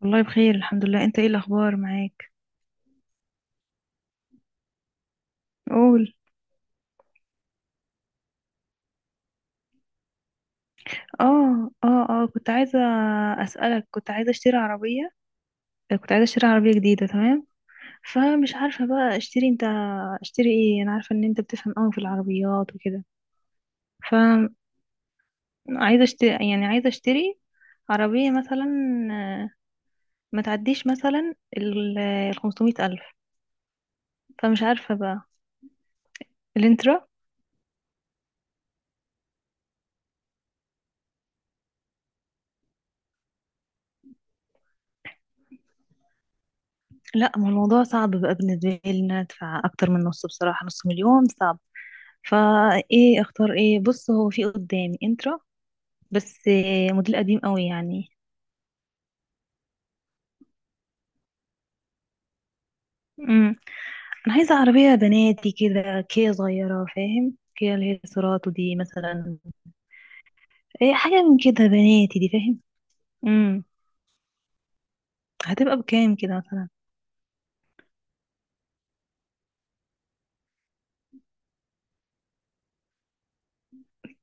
والله بخير، الحمد لله. انت ايه الاخبار معاك؟ قول. اه كنت عايزه اسالك، كنت عايزه اشتري عربيه. كنت عايزه اشتري عربيه جديده، تمام؟ فمش عارفه بقى اشتري ايه. انا عارفه ان انت بتفهم قوي في العربيات وكده. فعايزه اشتري، يعني عايزه اشتري عربيه مثلا. آه، ما تعديش مثلا ال 500 الف. فمش عارفه بقى. الانترا؟ لا، ما الموضوع صعب بقى بالنسبه لي، ان انا ادفع اكتر من نص بصراحه. نص مليون صعب. فايه اختار؟ ايه؟ بص، هو في قدامي انترا، بس موديل قديم قوي يعني. امم انا عايزه عربيه بناتي كده، كيا صغيره، فاهم؟ كيا اللي هي سيراتو دي مثلا. ايه، حاجه من كده، بناتي دي، فاهم؟ امم هتبقى بكام كده مثلا؟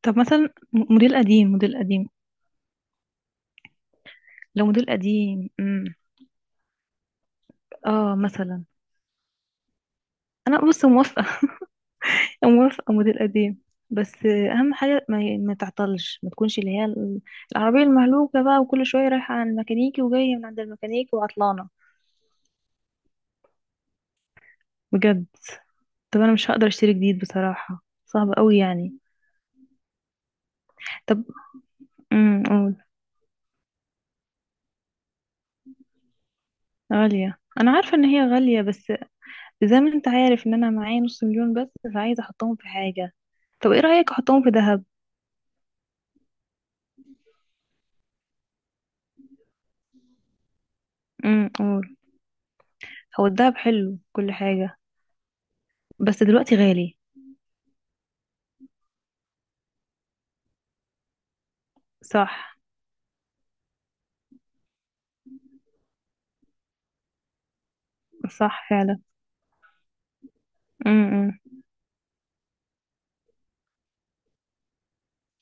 طب مثلا موديل قديم، موديل قديم. لو موديل قديم. اه، مثلا. انا بص موافقه، موافقة موديل قديم. بس أهم حاجة ما تعطلش، ما تكونش اللي هي العربية المهلوكة بقى، وكل شوية رايحة عند الميكانيكي وجاية من عند الميكانيكي وعطلانة. بجد. طب أنا مش هقدر أشتري جديد بصراحة، صعب قوي يعني. طب. قول. غالية، أنا عارفة إن هي غالية، بس زي ما أنت عارف إن أنا معايا نص مليون بس، فعايزة أحطهم في حاجة. طب إيه رأيك أحطهم في دهب؟ قول. هو الدهب حلو كل حاجة، بس دلوقتي غالي. صح. صح فعلا. امم.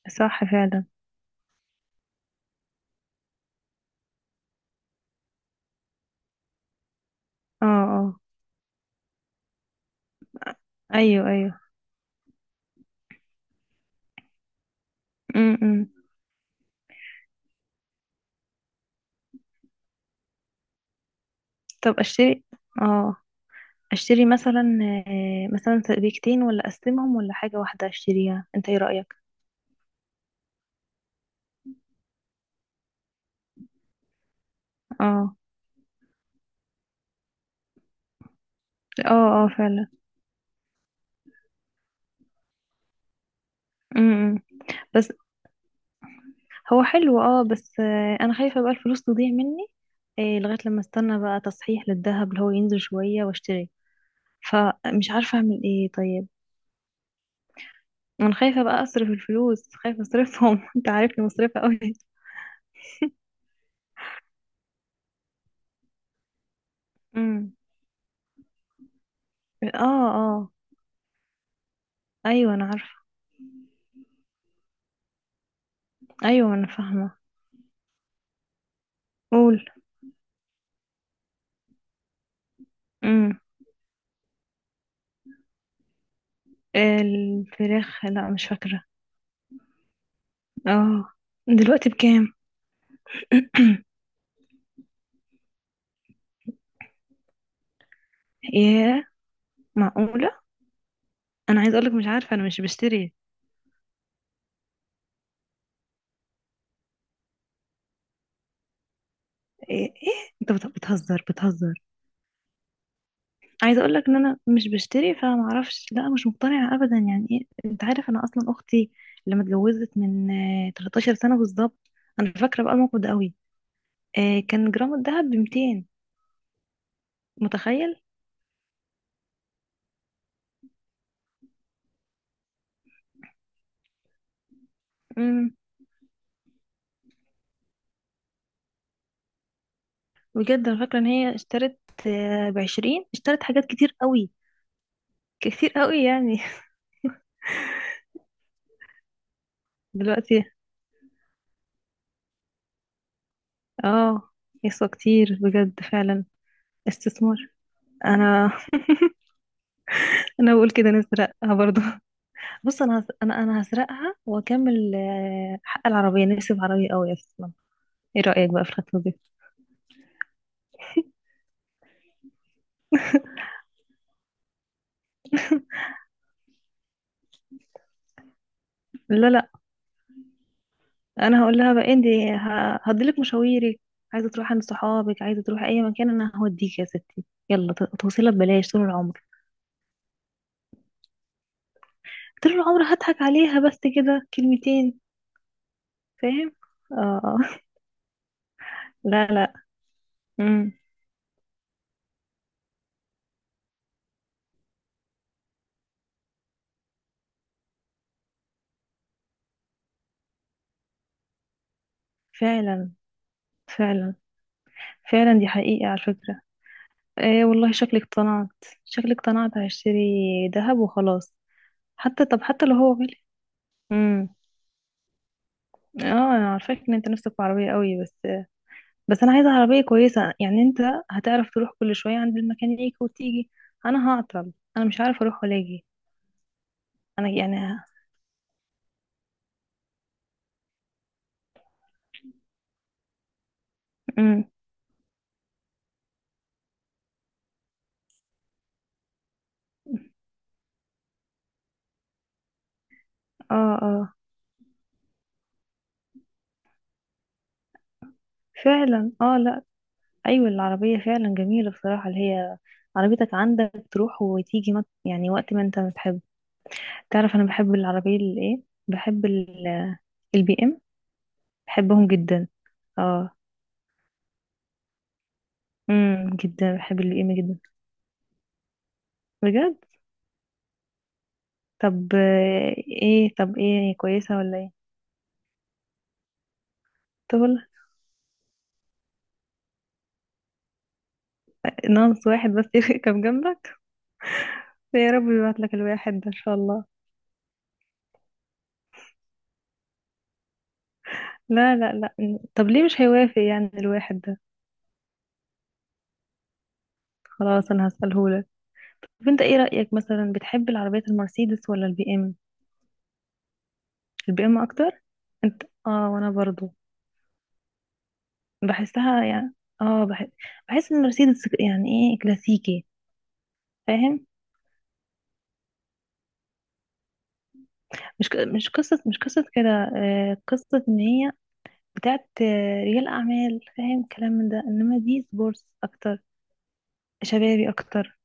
صح فعلا. اه اه. ايوه ايوه. امم. طب اشتري. اه اشتري مثلا مثلا سبيكتين، ولا اقسمهم، ولا حاجة واحدة اشتريها؟ انت ايه رأيك؟ اه اه اه، فعلا. امم. بس هو حلو، اه، بس انا خايفة بقى الفلوس تضيع مني، لغاية لما استنى بقى تصحيح للذهب اللي هو ينزل شوية واشتري. فمش عارفة اعمل ايه. طيب. انا خايفة بقى اصرف الفلوس، خايفة اصرفهم. انت عارفني مصرفة قوي. امم. اه اه. ايوه انا عارفة. ايوه انا فاهمه. قول. امم. الفراخ لا، مش فاكره. اه. دلوقتي بكام؟ ياه، معقوله؟ انا عايزه اقولك، مش عارفه، انا مش بشتري. ايه؟ إيه؟ انت بتهزر، بتهزر. عايزه اقولك ان انا مش بشتري، فما اعرفش. لا، مش مقتنعه ابدا، يعني ايه؟ انت عارف انا اصلا اختي لما اتجوزت من 13 سنه بالظبط. انا فاكره بقى الموقف ده قوي. كان جرام الذهب ب 200. متخيل. امم. بجد، انا فاكره ان هي اشترت ب20، اشترت حاجات كتير قوي، كتير قوي يعني. دلوقتي. اه. يسوى كتير بجد، فعلا. استثمار. انا. انا بقول كده نسرقها برضو. بص، انا هس- انا انا هسرقها واكمل حق العربيه. نفسي في عربيه قوي اصلا. ايه رايك بقى في الخطوه دي؟ لا لا، انا هقول لها بقى انت هديلك مشاويرك، عايزه تروحي عند صحابك، عايزه تروحي اي مكان، انا هوديك يا ستي. يلا، توصيلها ببلاش طول العمر. طول العمر هضحك عليها بس كده كلمتين. فاهم؟ اه. آه. لا لا. امم. فعلا. فعلا. فعلا، دي حقيقة على فكرة. ايه والله، شكلك اقتنعت، شكلك اقتنعت. هشتري ذهب وخلاص. حتى، طب حتى لو هو غالي. امم. اه. انا عارفاك ان انت نفسك في عربية قوي، بس انا عايزة عربية كويسة، يعني انت هتعرف تروح كل شوية عند الميكانيك وتيجي؟ انا هعطل، انا مش عارفة اروح ولا اجي. انا يعني. امم. اه اه، فعلا. اه. لا. ايوه، العربية فعلا جميلة بصراحة، اللي هي عربيتك عندك، تروح وتيجي، يعني وقت ما انت بتحب. تعرف انا بحب العربية اللي ايه؟ بحب البي ام، بحبهم جدا. اه. جدا، بحب البي ام جدا. بجد. طب ايه، هي كويسة ولا ايه؟ طب والله. ناقص واحد بس يركب جنبك. يا رب يبعت لك الواحد ده ان شاء الله. لا لا لا، طب ليه مش هيوافق يعني الواحد ده؟ خلاص، انا هسأله لك. طب انت ايه رأيك، مثلا بتحب العربيات المرسيدس ولا البي ام؟ البي ام اكتر. انت اه، وانا برضو بحسها يعني. اه، بحس ان مرسيدس يعني ايه، كلاسيكي، فاهم؟ مش قصة كده. آه، قصة ان هي بتاعت رجال اعمال، فاهم كلام من ده، انما دي سبورتس اكتر، شبابي اكتر.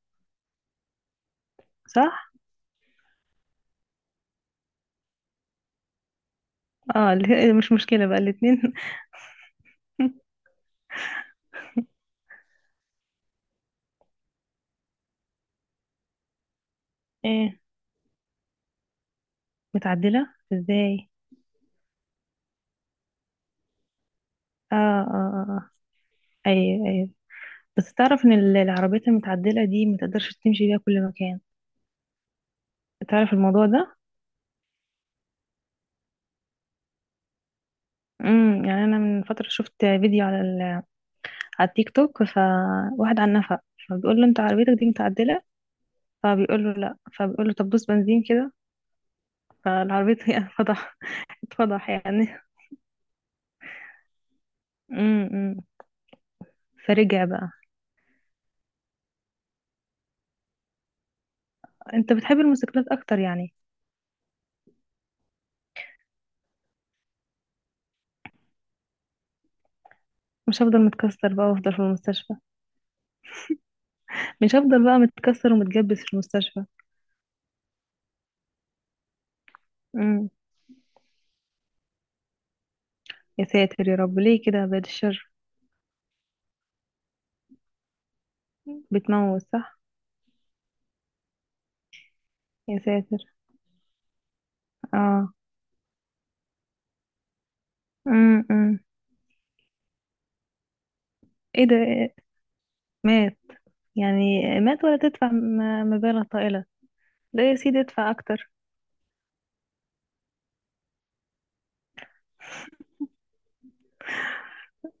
صح. اه، مش مشكلة بقى الاتنين. ايه؟ متعدلة ازاي؟ اه اه اه. آه. ايوه ايوه. بس تعرف ان العربيات المتعدلة دي متقدرش تمشي بيها كل مكان؟ تعرف الموضوع ده؟ امم. يعني انا من فترة شفت فيديو على، على التيك توك، فواحد على النفق، فبيقول له انت عربيتك دي متعدلة، فبيقول له لا، فبيقول له طب دوس بنزين كده، فالعربية اتفضح، اتفضح يعني. امم. امم. فرجع بقى. انت بتحب الموتوسيكلات اكتر يعني؟ مش هفضل متكسر بقى وافضل في المستشفى. مش هفضل بقى متكسر ومتجبس في المستشفى. امم. يا ساتر يا رب، ليه كده، بعد الشر. بتموت، صح؟ يا ساتر. اه. امم. امم. ايه ده؟ إيه؟ مات؟ يعني مات ولا تدفع مبالغ طائلة؟ لا يا سيدي، ادفع اكتر.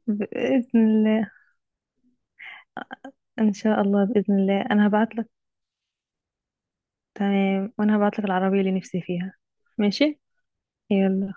بإذن الله. إن شاء الله، بإذن الله، أنا هبعت لك. تمام، وأنا هبعت لك العربية اللي نفسي فيها. ماشي. يلا.